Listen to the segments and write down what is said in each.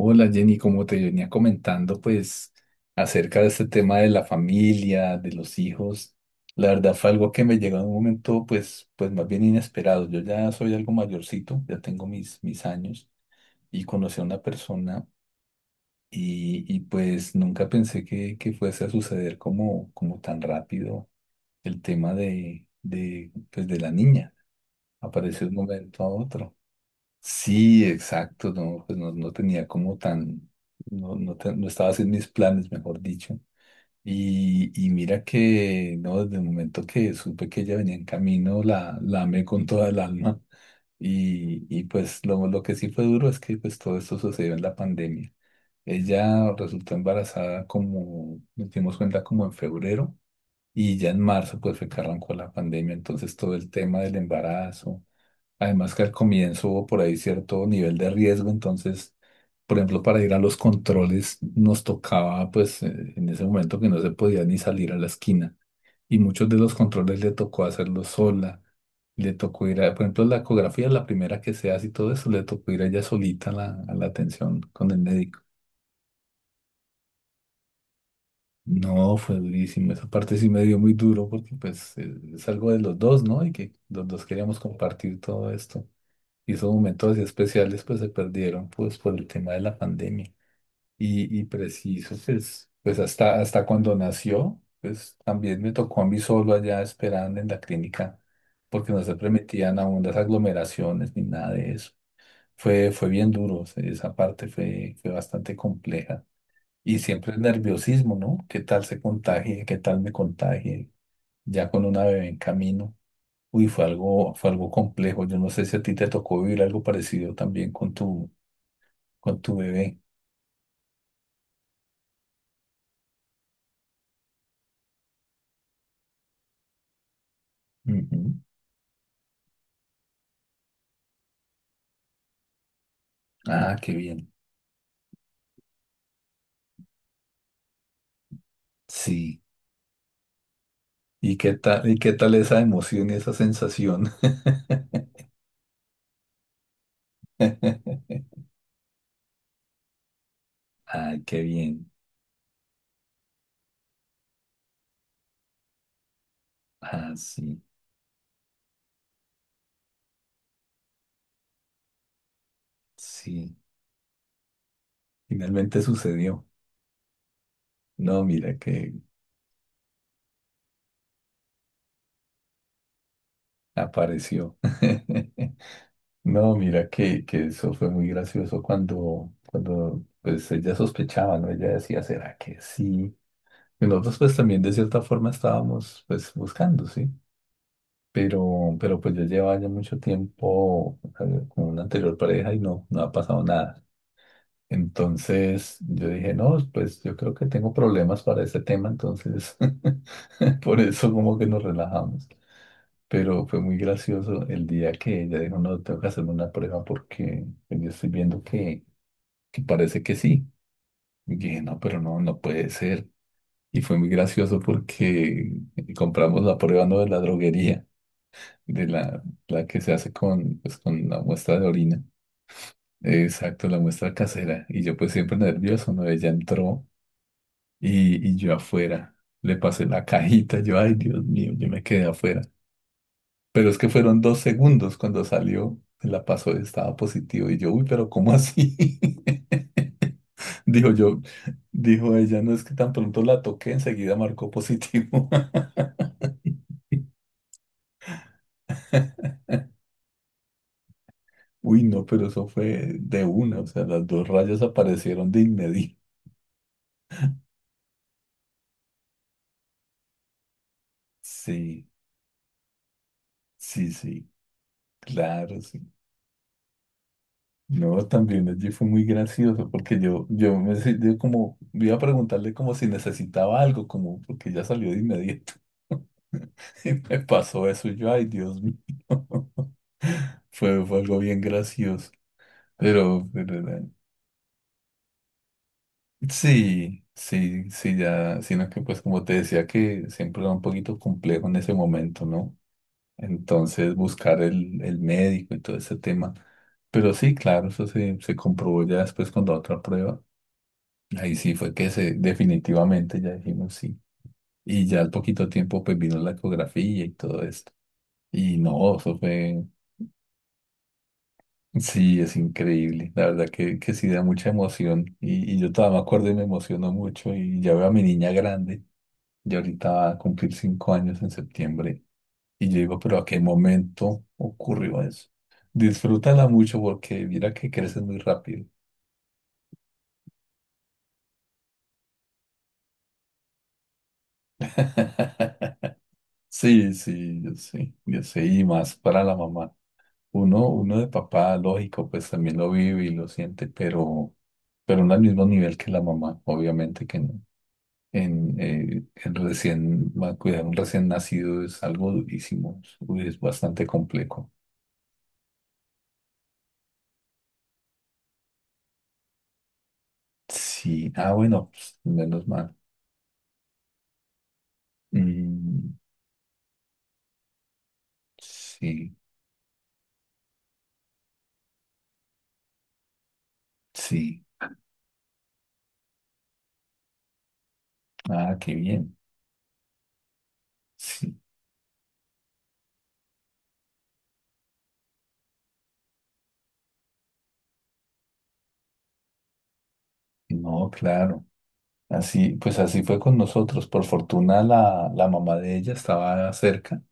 Hola Jenny, como te venía comentando, pues acerca de este tema de la familia, de los hijos, la verdad fue algo que me llegó en un momento pues más bien inesperado. Yo ya soy algo mayorcito, ya tengo mis años y conocí a una persona pues nunca pensé que fuese a suceder como tan rápido el tema de la niña. Apareció de un momento a otro. Sí, exacto, no, pues no tenía como tan. No estaba haciendo mis planes, mejor dicho. Y mira que, no, desde el momento que supe que ella venía en camino, la amé con toda el alma. Y pues lo que sí fue duro es que pues todo esto sucedió en la pandemia. Ella resultó embarazada como, nos dimos cuenta como en febrero. Y ya en marzo, pues fue que arrancó la pandemia, entonces todo el tema del embarazo. Además que al comienzo hubo por ahí cierto nivel de riesgo, entonces, por ejemplo, para ir a los controles nos tocaba, pues, en ese momento que no se podía ni salir a la esquina. Y muchos de los controles le tocó hacerlos sola. Le tocó ir a, por ejemplo, la ecografía, la primera que se hace y todo eso, le tocó ir a ella solita a la atención con el médico. No, fue durísimo. Esa parte sí me dio muy duro porque pues es algo de los dos, ¿no? Y que los dos queríamos compartir todo esto. Y esos momentos así especiales pues se perdieron pues por el tema de la pandemia. Y preciso, pues hasta cuando nació, pues también me tocó a mí solo allá esperando en la clínica porque no se permitían aún las aglomeraciones ni nada de eso. Fue bien duro, o sea, esa parte fue bastante compleja. Y siempre el nerviosismo, ¿no? ¿Qué tal se contagie? ¿Qué tal me contagie? Ya con una bebé en camino. Uy, fue algo complejo. Yo no sé si a ti te tocó vivir algo parecido también con tu bebé. Ujú. Ah, qué bien. Sí. ¿Y qué tal esa emoción y esa sensación? Ay, qué bien. Ah, sí, sí. Finalmente sucedió. No, mira que apareció. No, mira que eso fue muy gracioso cuando pues ella sospechaba, ¿no? Ella decía, ¿será que sí? Y nosotros pues también de cierta forma estábamos pues buscando, ¿sí? Pero pues yo llevaba ya mucho tiempo con una anterior pareja y no ha pasado nada. Entonces yo dije, no, pues yo creo que tengo problemas para ese tema, entonces por eso como que nos relajamos. Pero fue muy gracioso el día que ella dijo, no, tengo que hacerme una prueba porque pues, yo estoy viendo que parece que sí. Y dije, no, pero no puede ser. Y fue muy gracioso porque compramos la prueba no de la droguería, de la que se hace con, pues, con la muestra de orina. Exacto, la muestra casera. Y yo pues siempre nervioso, ¿no? Ella entró y yo afuera. Le pasé la cajita, yo, ay, Dios mío, yo me quedé afuera. Pero es que fueron 2 segundos cuando salió, la pasó y estaba positivo. Y yo, uy, pero ¿cómo así? Dijo yo, dijo ella, no es que tan pronto la toqué, enseguida marcó positivo. Uy, no, pero eso fue de una, o sea, las dos rayas aparecieron de inmediato. Sí, sí, sí, claro, sí. No, también allí fue muy gracioso porque yo como iba a preguntarle como si necesitaba algo, como porque ya salió de inmediato. Y me pasó eso, y yo, ay, Dios mío. Fue algo bien gracioso. Pero, sí, sí, sí, ya, sino que pues como te decía que siempre era un poquito complejo en ese momento, ¿no? Entonces buscar el médico y todo ese tema. Pero sí, claro, eso se comprobó ya después con la otra prueba. Ahí sí fue que definitivamente ya dijimos sí. Y ya al poquito tiempo pues vino la ecografía y todo esto. Y no, eso fue, sí, es increíble. La verdad que sí da mucha emoción. Y yo todavía me acuerdo y me emociono mucho. Y ya veo a mi niña grande, ya ahorita va a cumplir 5 años en septiembre. Y yo digo, pero ¿a qué momento ocurrió eso? Disfrútala mucho porque mira que creces muy rápido. Sí, sí, yo sé, y más para la mamá. Uno de papá, lógico, pues también lo vive y lo siente, pero, no al mismo nivel que la mamá, obviamente que no. Cuidar un recién nacido es algo durísimo, uy, es bastante complejo. Sí, ah, bueno, pues, menos mal. Mm, sí, sí, ah, qué bien, sí, no, claro. Así, pues así fue con nosotros. Por fortuna la mamá de ella estaba cerca.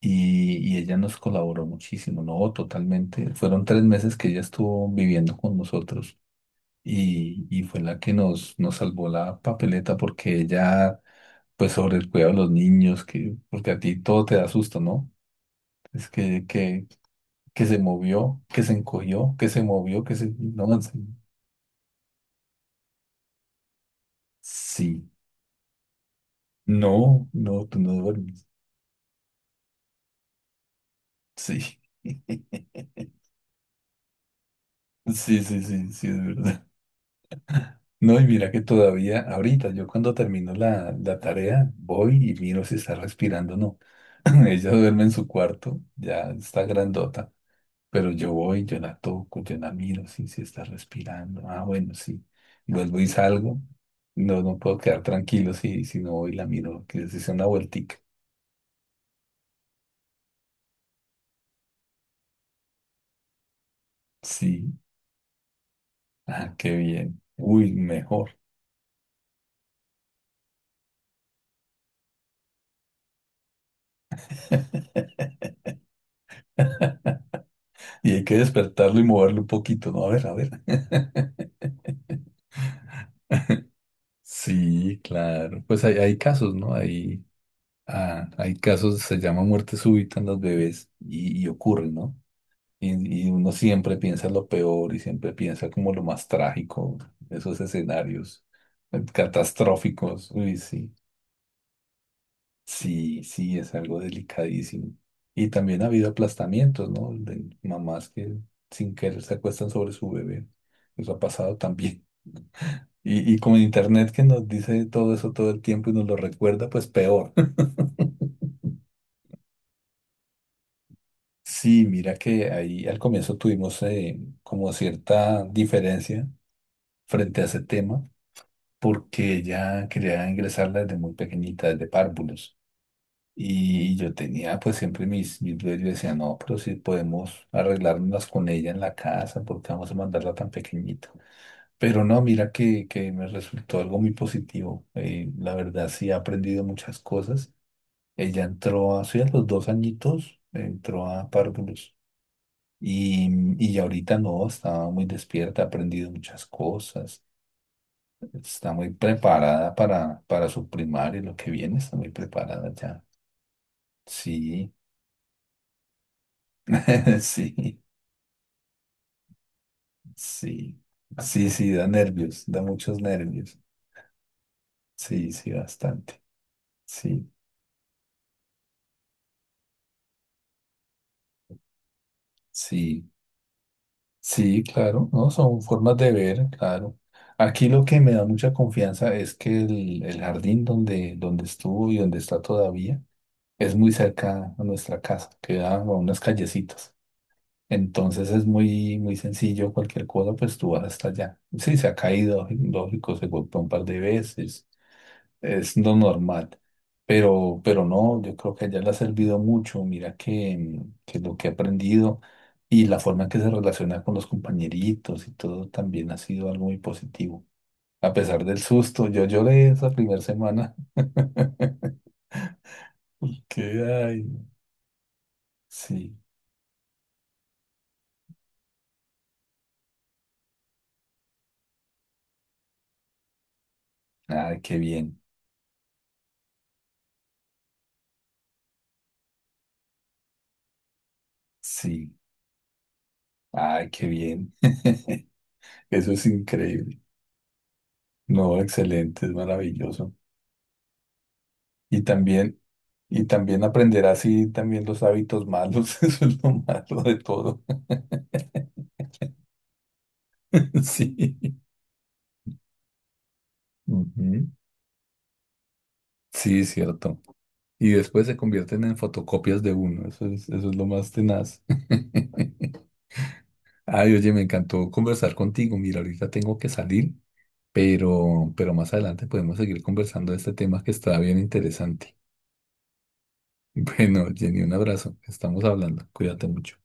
Y ella nos colaboró muchísimo, no, totalmente. Fueron 3 meses que ella estuvo viviendo con nosotros y fue la que nos salvó la papeleta porque ella, pues sobre el cuidado de los niños, porque a ti todo te da susto, ¿no? Es que se movió, que se encogió, que se movió. No, en serio. Sí. No, no, tú no duermes. Sí. Sí, sí, sí, sí, es verdad. No, y mira que todavía, ahorita, yo cuando termino la tarea, voy y miro si está respirando o no. Ella duerme en su cuarto, ya está grandota, pero yo voy, yo la toco, yo la miro, sí, sí está respirando. Ah, bueno, sí. Vuelvo y salgo. No, no puedo quedar tranquilo si no voy y la miro, que se sea una vueltica. Sí, ah, qué bien. Uy, mejor. Y hay que despertarlo y moverlo un poquito, ¿no? A ver, a ver. Sí, claro. Pues hay casos, ¿no? Hay Ah, hay casos, se llama muerte súbita en los bebés y ocurre, ¿no? Y uno siempre piensa lo peor y siempre piensa como lo más trágico, esos escenarios catastróficos. Uy, sí, sí, sí, es algo delicadísimo. Y también ha habido aplastamientos, ¿no? De mamás que sin querer se acuestan sobre su bebé. Eso ha pasado también. Y como en internet que nos dice todo eso todo el tiempo y nos lo recuerda, pues peor. Sí, mira que ahí al comienzo tuvimos como cierta diferencia frente a ese tema, porque ella quería ingresarla desde muy pequeñita, desde párvulos. Y yo tenía pues siempre mis dudas, yo decía, no, pero si podemos arreglárnoslas con ella en la casa, ¿porque vamos a mandarla tan pequeñita? Pero no, mira que me resultó algo muy positivo. La verdad sí ha aprendido muchas cosas. Ella entró, así a los 2 añitos, entró a párvulos. Y, y ahorita no, está muy despierta, ha aprendido muchas cosas, está muy preparada para su primaria, lo que viene, está muy preparada ya. Sí, sí, sí, sí, sí, da nervios, da muchos nervios. Sí, sí, bastante. Sí, sí, sí, claro, no, son formas de ver, claro. Aquí lo que me da mucha confianza es que el jardín donde estuvo y donde está todavía, es muy cerca a nuestra casa, queda a unas callecitas. Entonces es muy, muy sencillo, cualquier cosa, pues tú vas hasta allá. Sí, se ha caído, lógico, se golpeó un par de veces, es lo normal. Pero no, yo creo que a le ha servido mucho. Mira que lo que ha aprendido y la forma en que se relaciona con los compañeritos y todo también ha sido algo muy positivo. A pesar del susto, yo lloré esa primera semana. Ay, sí, ay, qué bien, sí. Ay, qué bien. Eso es increíble. No, excelente, es maravilloso. Y también, y también aprender así también los hábitos malos. Eso es lo malo de todo. Sí. Ujú. Sí, cierto. Y después se convierten en fotocopias de uno. Eso es lo más tenaz. Ay, oye, me encantó conversar contigo. Mira, ahorita tengo que salir, pero, más adelante podemos seguir conversando de este tema que está bien interesante. Bueno, Jenny, un abrazo. Estamos hablando. Cuídate mucho.